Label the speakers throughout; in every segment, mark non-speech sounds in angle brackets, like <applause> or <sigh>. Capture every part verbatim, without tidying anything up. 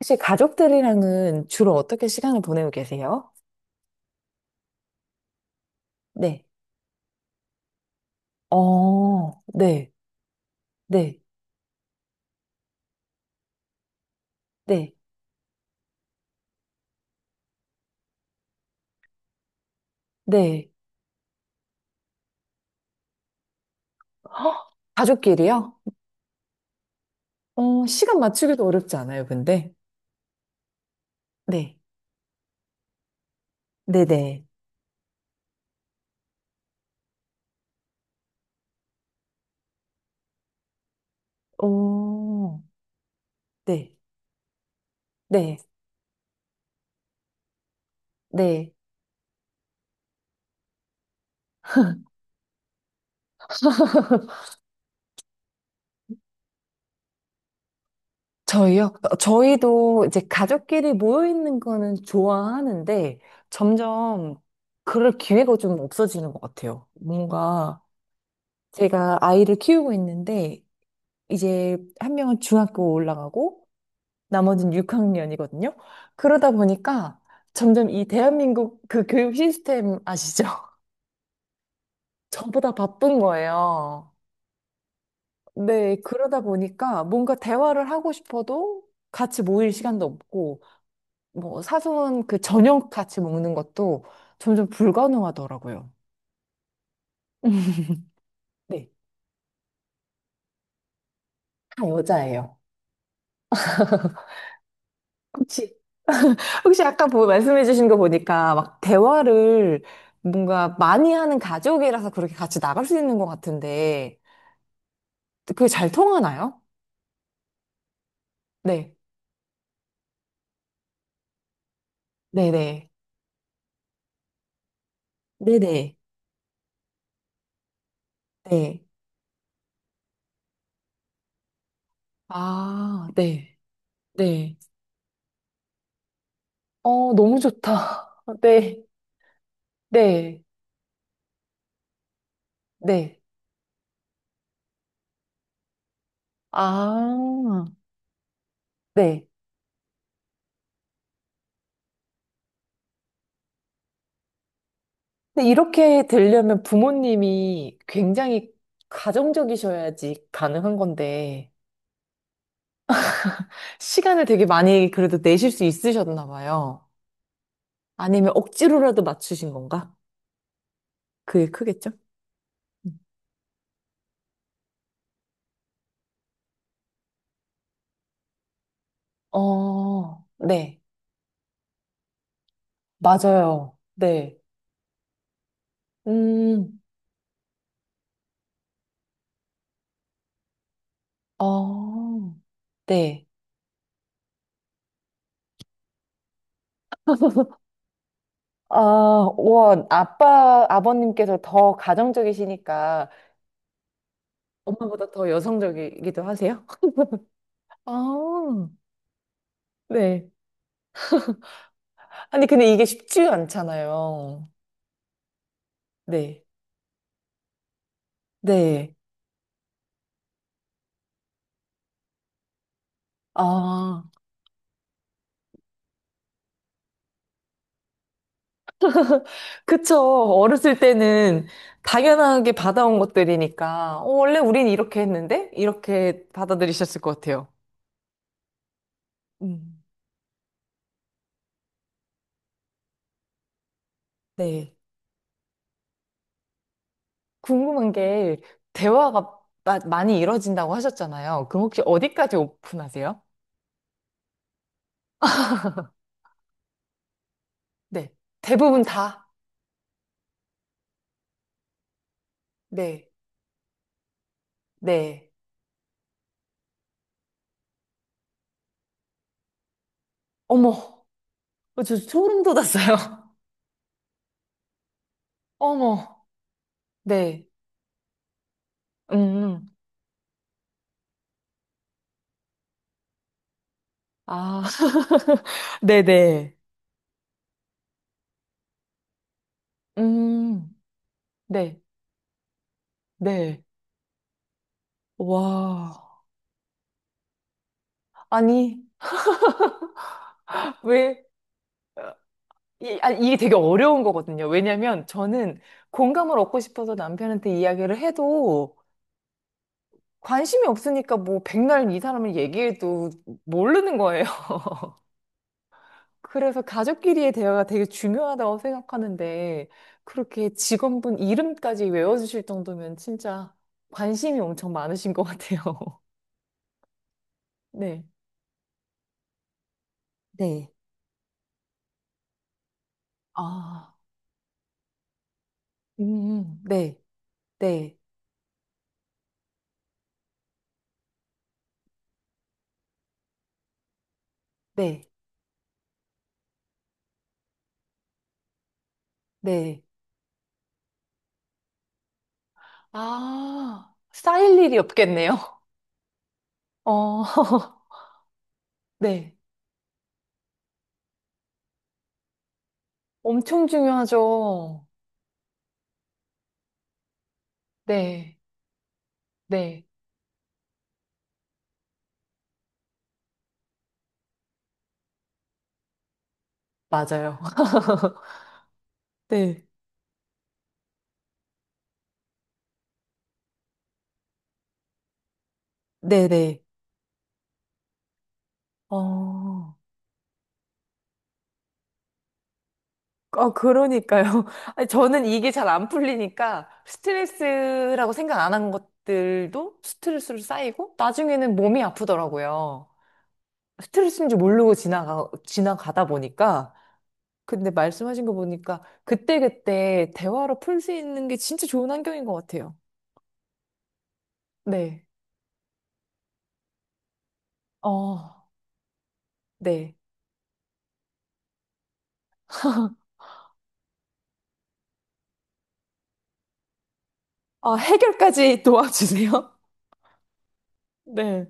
Speaker 1: 혹시 가족들이랑은 주로 어떻게 시간을 보내고 계세요? 네. 어, 네, 네, 네, 네. 가족끼리요? 어, 시간 맞추기도 어렵지 않아요, 근데. 네, 네네. 오, 네, 네, 네. 저희요? 어, 저희도 이제 가족끼리 모여 있는 거는 좋아하는데 점점 그럴 기회가 좀 없어지는 것 같아요. 뭔가 제가 아이를 키우고 있는데 이제 한 명은 중학교 올라가고 나머지는 육 학년이거든요. 그러다 보니까 점점 이 대한민국 그 교육 시스템 아시죠? <laughs> 저보다 바쁜 거예요. 네, 그러다 보니까 뭔가 대화를 하고 싶어도 같이 모일 시간도 없고, 뭐 사소한 그 저녁 같이 먹는 것도 점점 불가능하더라고요. <laughs> 네, 다 여자예요. 혹시, 혹시 아까 보- 말씀해 주신 거 보니까 막 대화를 뭔가 많이 하는 가족이라서 그렇게 같이 나갈 수 있는 것 같은데, 그게 잘 통하나요? 네. 네네. 네네. 네. 아, 네. 네. 어, 너무 좋다. <laughs> 네. 네. 네. 아, 네. 근데 이렇게 되려면 부모님이 굉장히 가정적이셔야지 가능한 건데, 시간을 되게 많이 그래도 내실 수 있으셨나 봐요. 아니면 억지로라도 맞추신 건가? 그게 크겠죠? 음. 어, 네. 맞아요. 네. 음. 어, 네. 아, 와, 아빠, 아버님께서 더 가정적이시니까 엄마보다 더 여성적이기도 하세요? <laughs> 아, 네. 아니, 근데 이게 쉽지 않잖아요. 네. 네. 아, 그쵸. 어렸을 때는 당연하게 받아온 것들이니까, 어, 원래 우린 이렇게 했는데? 이렇게 받아들이셨을 것 같아요. 음. 네 궁금한 게 대화가 마- 많이 이루어진다고 하셨잖아요. 그럼 혹시 어디까지 오픈하세요? 네. 대부분 다? 네. 네. 어머. 어, 저 소름 돋았어요. <laughs> 어머. 네. 음. 아. <laughs> 네네. 음. 네. 네. 와. 아니, 왜? 이, 아, 이게 되게 어려운 거거든요. 왜냐면 저는 공감을 얻고 싶어서 남편한테 이야기를 해도 관심이 없으니까 뭐 백날 이 사람을 얘기해도 모르는 거예요. <laughs> 그래서 가족끼리의 대화가 되게 중요하다고 생각하는데 그렇게 직원분 이름까지 외워주실 정도면 진짜 관심이 엄청 많으신 것 같아요. <laughs> 네. 네. 아, 음, 네, 네, 네, 네. 아, 쌓일 일이 없겠네요. <laughs> 어, <laughs> 네. 엄청 중요하죠. 네, 네. 맞아요. <laughs> 네, 네, 네. 어, 어, 그러니까요. <laughs> 아니, 저는 이게 잘 안 풀리니까 스트레스라고 생각 안 한 것들도 스트레스로 쌓이고 나중에는 몸이 아프더라고요. 스트레스인지 모르고 지나가, 지나가다 보니까. 근데 말씀하신 거 보니까 그때그때 대화로 풀 수 있는 게 진짜 좋은 환경인 것 같아요. 네. 어, 네. 아, 해결까지 도와주세요. <laughs> 네.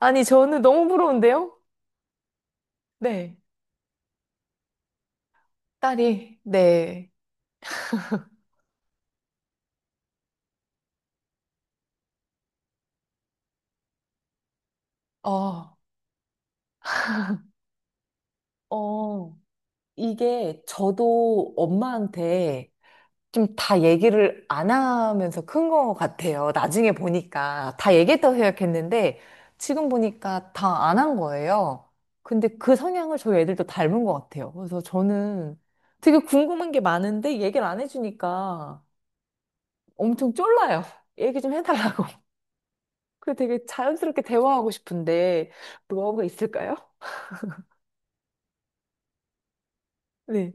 Speaker 1: 아니, 저는 너무 부러운데요? 네. 딸이, 네. 어. 어, 이게 저도 엄마한테 좀 다 얘기를 안 하면서 큰 것 같아요. 나중에 보니까. 다 얘기했다고 생각했는데, 지금 보니까 다 안 한 거예요. 근데 그 성향을 저희 애들도 닮은 것 같아요. 그래서 저는 되게 궁금한 게 많은데, 얘기를 안 해주니까 엄청 쫄라요. <laughs> 얘기 좀 해달라고. <laughs> 그래서 되게 자연스럽게 대화하고 싶은데, 노하우가 있을까요? 네.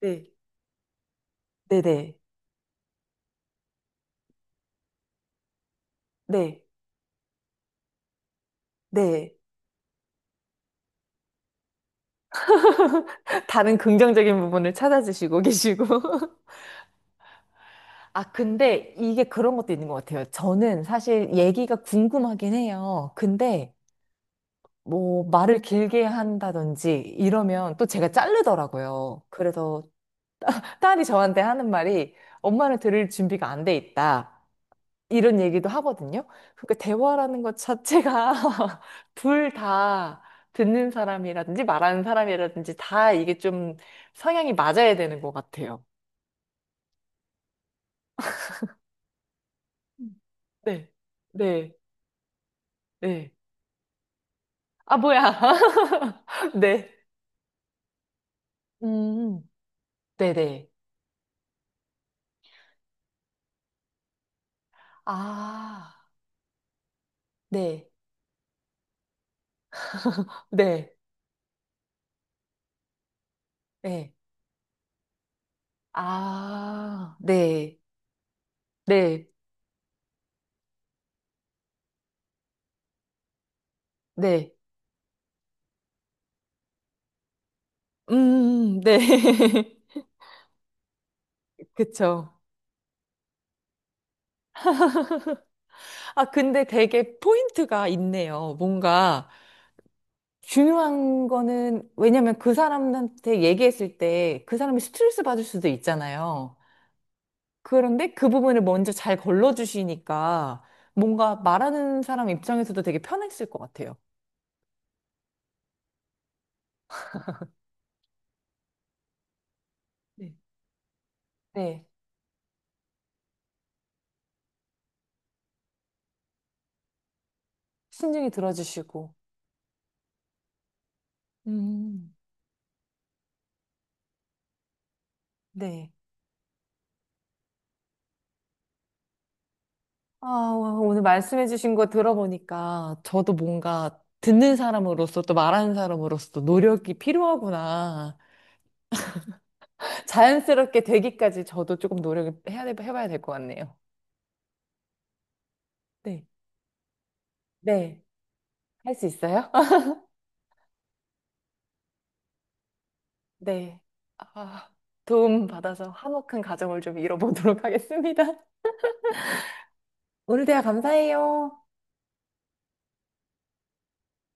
Speaker 1: 네. 네네. 네. 네. 다른 긍정적인 부분을 찾아주시고 계시고. <laughs> 아, 근데 이게 그런 것도 있는 것 같아요. 저는 사실 얘기가 궁금하긴 해요. 근데 뭐 말을 길게 한다든지 이러면 또 제가 자르더라고요. 그래서 딸이 저한테 하는 말이 엄마는 들을 준비가 안 돼 있다. 이런 얘기도 하거든요. 그러니까 대화라는 것 자체가 <laughs> 둘 다 듣는 사람이라든지 말하는 사람이라든지 다 이게 좀 성향이 맞아야 되는 것 같아요. 네, 네, 네. 아, 뭐야. <laughs> 네. 음, 네네. 아, 네, 네, 네. 아, 네, 네, 네. 음, 네. <laughs> 그쵸. 아, 근데 되게 포인트가 있네요. 뭔가 중요한 거는, 왜냐면 그 사람한테 얘기했을 때 그 사람이 스트레스 받을 수도 있잖아요. 그런데 그 부분을 먼저 잘 걸러주시니까 뭔가 말하는 사람 입장에서도 되게 편했을 것 같아요. 네. 네. 신중히 들어주시고. 음. 네. 아, 와, 오늘 말씀해주신 거 들어보니까 저도 뭔가 듣는 사람으로서 또 말하는 사람으로서 노력이 필요하구나. 자연스럽게 되기까지 저도 조금 노력을 해야, 해봐야 될 것 같네요. 네. 네. 할 수 있어요? 네. 아, 도움 받아서 화목한 가정을 좀 이뤄보도록 하겠습니다. 오늘 대화 감사해요.